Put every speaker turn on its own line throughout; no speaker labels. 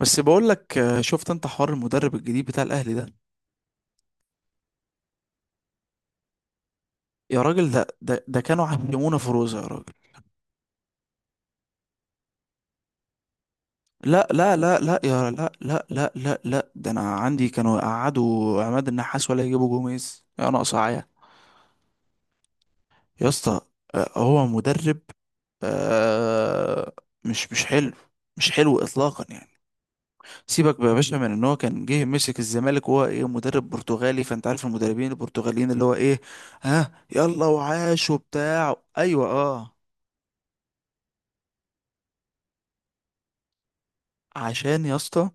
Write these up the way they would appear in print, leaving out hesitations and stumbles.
بس بقول لك شفت انت حوار المدرب الجديد بتاع الاهلي ده. يا راجل، ده كانوا عملونا فروزه يا راجل. لا لا لا لا، يا، لا لا لا لا لا، ده انا عندي كانوا يقعدوا عماد النحاس ولا يجيبوا جوميز يا ناقص عيا. يا اسطى. هو مدرب. آه، مش حلو. مش حلو اطلاقا يعني. سيبك بقى يا باشا من ان هو كان جه مسك الزمالك وهو ايه مدرب برتغالي، فانت عارف المدربين البرتغاليين اللي هو ايه. ها يلا وعاش وبتاع، ايوه اه. عشان يا اسطى،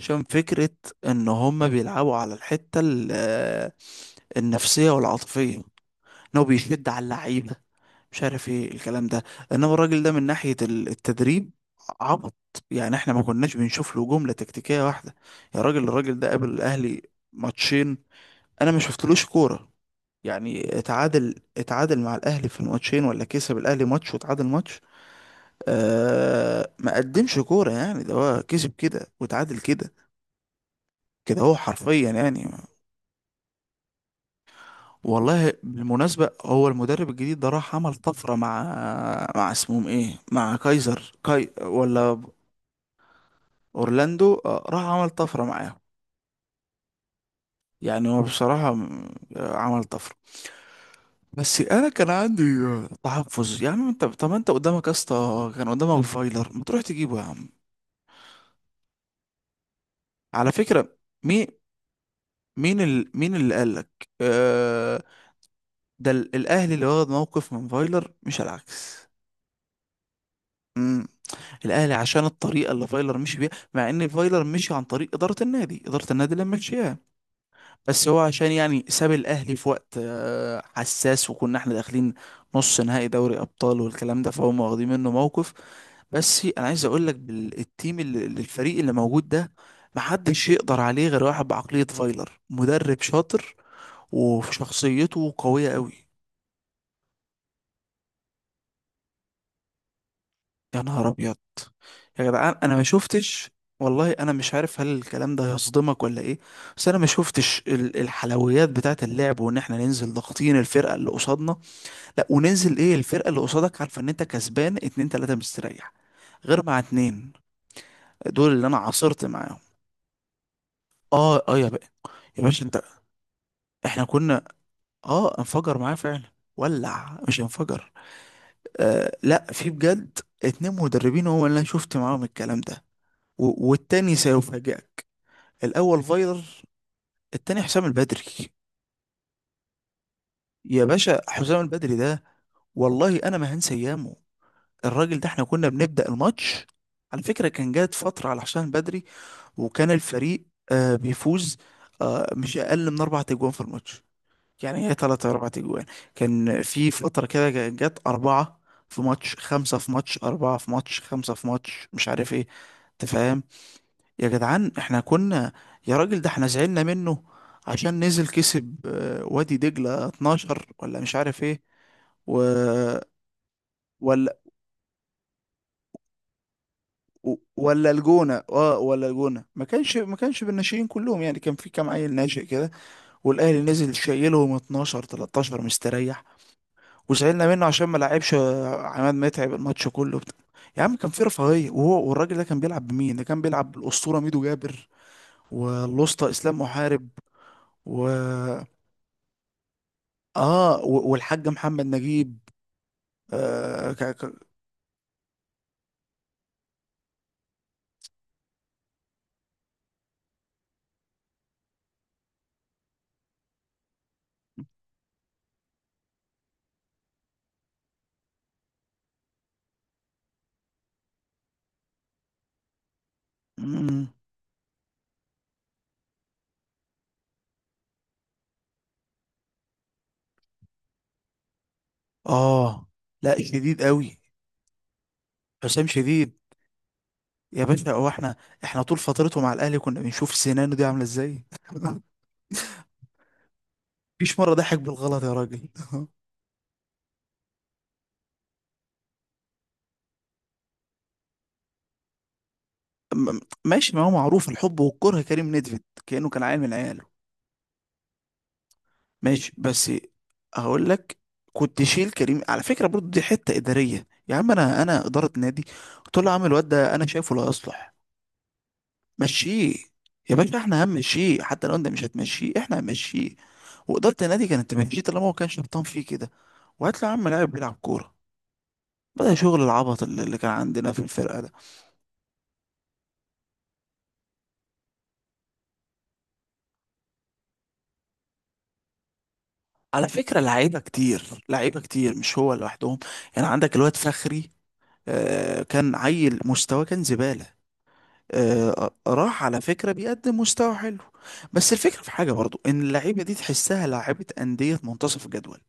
عشان فكرة ان هما بيلعبوا على الحتة النفسية والعاطفية، ان هو بيشد على اللعيبة، مش عارف ايه الكلام ده. انما الراجل ده من ناحية التدريب عبط، يعني احنا ما كناش بنشوف له جملة تكتيكية واحدة. يا راجل الراجل ده قابل الاهلي ماتشين، انا ما شفتلوش كورة. يعني اتعادل مع الاهلي في الماتشين، ولا كسب الاهلي ماتش وتعادل ماتش. ما قدمش كورة يعني، ده هو كسب كده وتعادل كده، كده هو حرفيا يعني. والله بالمناسبة هو المدرب الجديد ده راح عمل طفرة مع اسمهم ايه، مع كايزر كاي ولا اورلاندو. راح عمل طفرة معاهم. يعني هو بصراحة عمل طفرة. بس انا كان عندي تحفظ. يا عم انت طب ما انت قدامك يا اسطى، كان قدامك فايلر، ما تروح تجيبه يا عم؟ على فكرة مين؟ مين اللي قالك ده الاهلي اللي واخد موقف من فايلر مش العكس. مم. الاهلي عشان الطريقه اللي فايلر مشي بيها، مع ان فايلر مشي عن طريق اداره النادي، اداره النادي اللي مشيها. بس هو عشان يعني ساب الاهلي في وقت حساس، وكنا احنا داخلين نص نهائي دوري ابطال والكلام ده، فهم واخدين منه موقف. بس انا عايز اقول لك، بالتيم الفريق اللي موجود ده، محدش يقدر عليه غير واحد بعقليه فايلر. مدرب شاطر وشخصيته قويه قوي. يا نهار ابيض. يا جدعان انا ما شفتش. والله انا مش عارف هل الكلام ده هيصدمك ولا ايه، بس انا ما شفتش الحلويات بتاعه اللعب، وان احنا ننزل ضاغطين الفرقه اللي قصادنا. لا وننزل ايه الفرقه اللي قصادك عارفه ان انت كسبان اتنين تلاته مستريح، غير مع اتنين. دول اللي انا عاصرت معاهم. اه اه يا بقى. يا باشا انت، احنا كنا. اه انفجر معاه فعلا. ولع مش انفجر. لا، في بجد اتنين مدربين هو اللي انا شفت معاهم الكلام ده. والتاني سيفاجئك. الاول فايلر، التاني حسام البدري. يا باشا، حسام البدري ده والله انا ما هنسى ايامه. الراجل ده احنا كنا بنبدأ الماتش، على فكرة كان جات فترة على حسام البدري، وكان الفريق بيفوز مش اقل من اربع تجوان في الماتش، يعني هي ثلاثة اربع تجوان. كان في فترة كده جات اربعة في ماتش، خمسة في ماتش، اربعة في ماتش، خمسة في ماتش، مش عارف ايه. تفهم؟ يا جدعان احنا كنا. يا راجل ده احنا زعلنا منه عشان نزل كسب وادي دجلة 12، ولا مش عارف ايه. و... ولا ولا الجونة، اه ولا الجونة ما كانش بالناشئين كلهم يعني، كان في كام عيل ناشئ كده. والاهلي نزل شايلهم 12 13 مستريح. وزعلنا منه عشان ما لعبش عماد متعب الماتش كله يا عم كان في رفاهية، وهو والراجل ده كان بيلعب بمين؟ ده كان بيلعب بالأسطورة ميدو جابر، والأسطى إسلام محارب، و... والحاج محمد نجيب اه, ك... ك... مم. آه. لا شديد قوي. حسام شديد. يا باشا هو احنا، احنا طول فترته مع الاهلي كنا بنشوف سنانه دي عامله ازاي مفيش مره ضحك بالغلط يا راجل. م- م- ماشي، ما هو معروف الحب والكره، كريم نيدفيد كانه كان عيل من عياله. ماشي بس، هقول لك. كنت شيل كريم على فكره برضو، دي حته اداريه يا عم، انا، انا اداره نادي قلت له يا عم الواد ده انا شايفه لا يصلح، مشيه. يا باشا احنا هنمشيه، حتى لو انت مش هتمشيه احنا هنمشيه. وإدارة النادي كانت تمشيه طالما هو كان شبطان فيه كده. وهات له يا عم لاعب بيلعب كورة. بدأ شغل العبط اللي كان عندنا في الفرقة ده. على فكرة لعيبة كتير، لعيبة كتير مش هو لوحدهم. يعني عندك الواد فخري، كان عيل مستواه كان زبالة. آه راح على فكرة بيقدم مستوى حلو. بس الفكرة في حاجة برضو ان اللعيبة دي تحسها لعيبة أندية منتصف الجدول،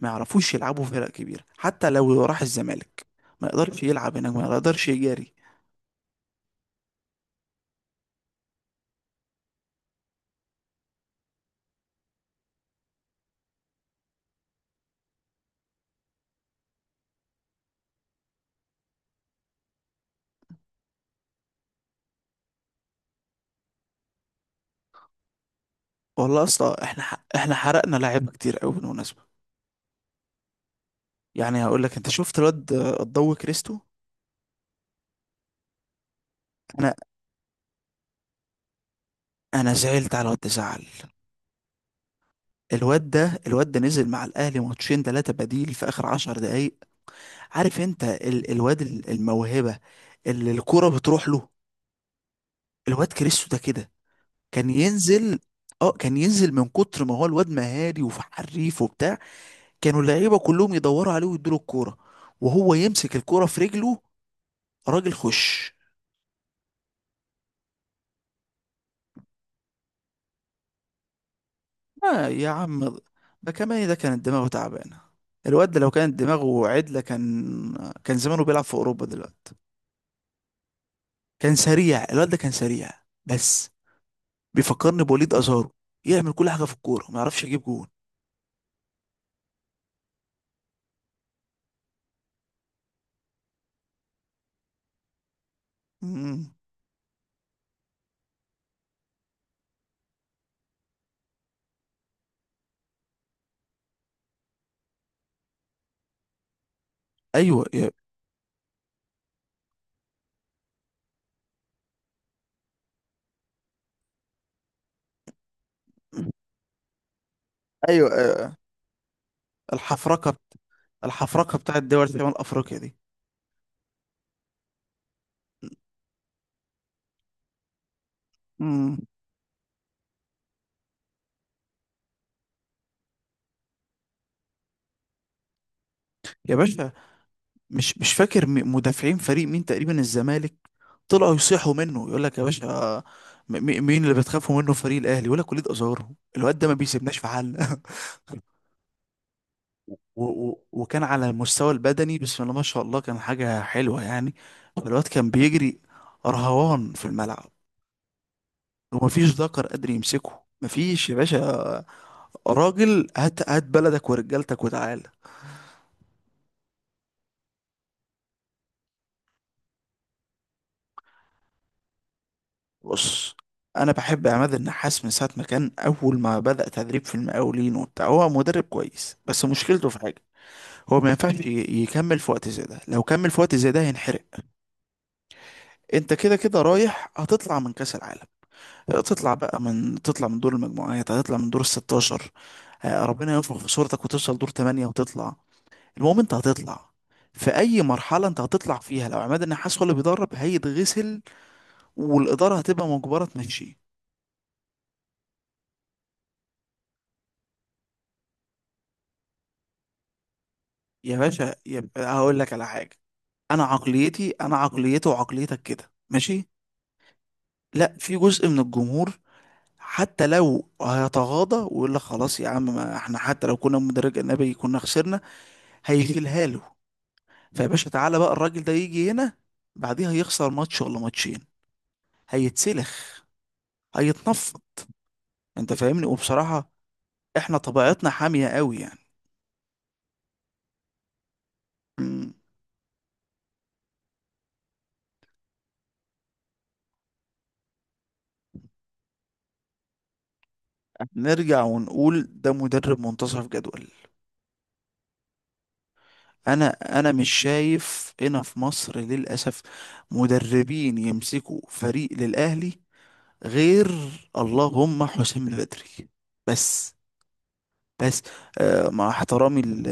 ما يعرفوش يلعبوا في فرق كبيرة. حتى لو راح الزمالك ما يقدرش يلعب هناك، ما يقدرش يجاري. والله يا اسطى، احنا احنا حرقنا لعيبة كتير قوي بالمناسبة. يعني هقول لك، انت شفت الواد الضو كريستو؟ انا انا زعلت على الواد ده زعل. الواد ده نزل مع الاهلي ماتشين ثلاثة بديل في اخر عشر دقايق. عارف انت الموهبة اللي الكرة بتروح له؟ الواد كريستو ده كده كان ينزل، اه كان ينزل من كتر ما هو الواد مهاري وحريف وبتاع، كانوا اللعيبه كلهم يدوروا عليه ويدوا له الكوره، وهو يمسك الكوره في رجله، راجل خش. يا عم ده كمان ده كانت دماغه تعبانه. الواد ده لو كانت دماغه عدله كان زمانه بيلعب في اوروبا دلوقتي. كان سريع الواد ده، كان سريع. بس بيفكرني بوليد ازارو، يعمل كل حاجه في الكوره ما يعرفش يجيب جون. مم. ايوه, ايوه الحفركه الحفركه بتاعت دول شمال افريقيا دي. مم. يا باشا مش فاكر مدافعين فريق مين، تقريبا الزمالك، طلعوا يصيحوا منه يقول لك يا باشا مين اللي بتخافوا منه فريق الاهلي؟ يقول لك وليد ازارو، الواد ده ما بيسيبناش في حل و- وكان على المستوى البدني بسم الله ما شاء الله، كان حاجة حلوة يعني. الواد كان بيجري رهوان في الملعب، ومفيش ذكر قادر يمسكه، مفيش يا باشا. راجل هات هات بلدك ورجالتك وتعال. بص، انا بحب عماد النحاس من ساعه ما كان، اول ما بدأ تدريب في المقاولين وبتاع، هو مدرب كويس، بس مشكلته في حاجه، هو ما ينفعش يكمل في وقت زي ده. لو كمل في وقت زي ده هينحرق. انت كده كده رايح، هتطلع من كاس العالم، تطلع بقى من دور المجموعات، هتطلع من دور ال 16. ربنا ينفخ في صورتك وتوصل دور 8 وتطلع. المهم انت هتطلع، في اي مرحله انت هتطلع فيها، لو عماد النحاس هو اللي بيدرب هيتغسل، والاداره هتبقى مجبره تمشيه. يا باشا يبقى هقول لك على حاجة. أنا عقليتي، أنا عقليته وعقليتك كده ماشي، لا في جزء من الجمهور حتى لو هيتغاضى ويقول لك خلاص يا عم، ما احنا حتى لو كنا مدرج أجنبي كنا خسرنا، هيشيلها له. فيا باشا تعالى بقى، الراجل ده يجي هنا بعديها يخسر ماتش ولا ماتشين هيتسلخ، هيتنفض. انت فاهمني، وبصراحة احنا طبيعتنا حامية قوي يعني. مم. نرجع ونقول ده مدرب منتصف جدول. انا انا مش شايف هنا في مصر للاسف مدربين يمسكوا فريق للاهلي، غير اللهم حسام البدري بس. بس مع احترامي ل-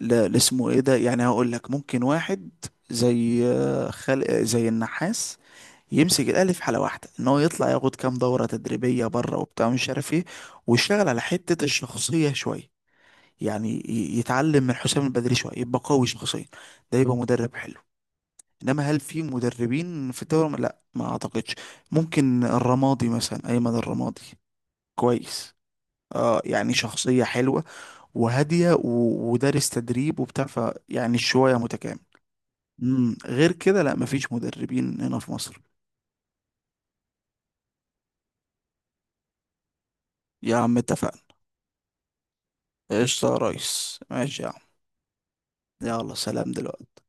ل- لاسمه ايه ده، يعني هقول لك ممكن واحد زي آه، خل... آه، زي النحاس يمسك الاهلي في حاله واحده، ان هو يطلع ياخد كام دوره تدريبيه بره وبتاع مش عارف ايه، ويشتغل على حته الشخصيه شويه، يعني يتعلم من حسام البدري شويه، يبقى قوي شخصيا، ده يبقى مدرب حلو. انما هل في مدربين في الدوري؟ لا ما اعتقدش. ممكن الرمادي مثلا، ايمن الرمادي كويس، اه يعني شخصيه حلوه وهاديه ودارس تدريب وبتاع، ف يعني شويه متكامل. غير كده لا مفيش مدربين هنا في مصر. يا عم اتفقنا. قشطه يا ريس، ماشي يا عم، يلا سلام دلوقتي.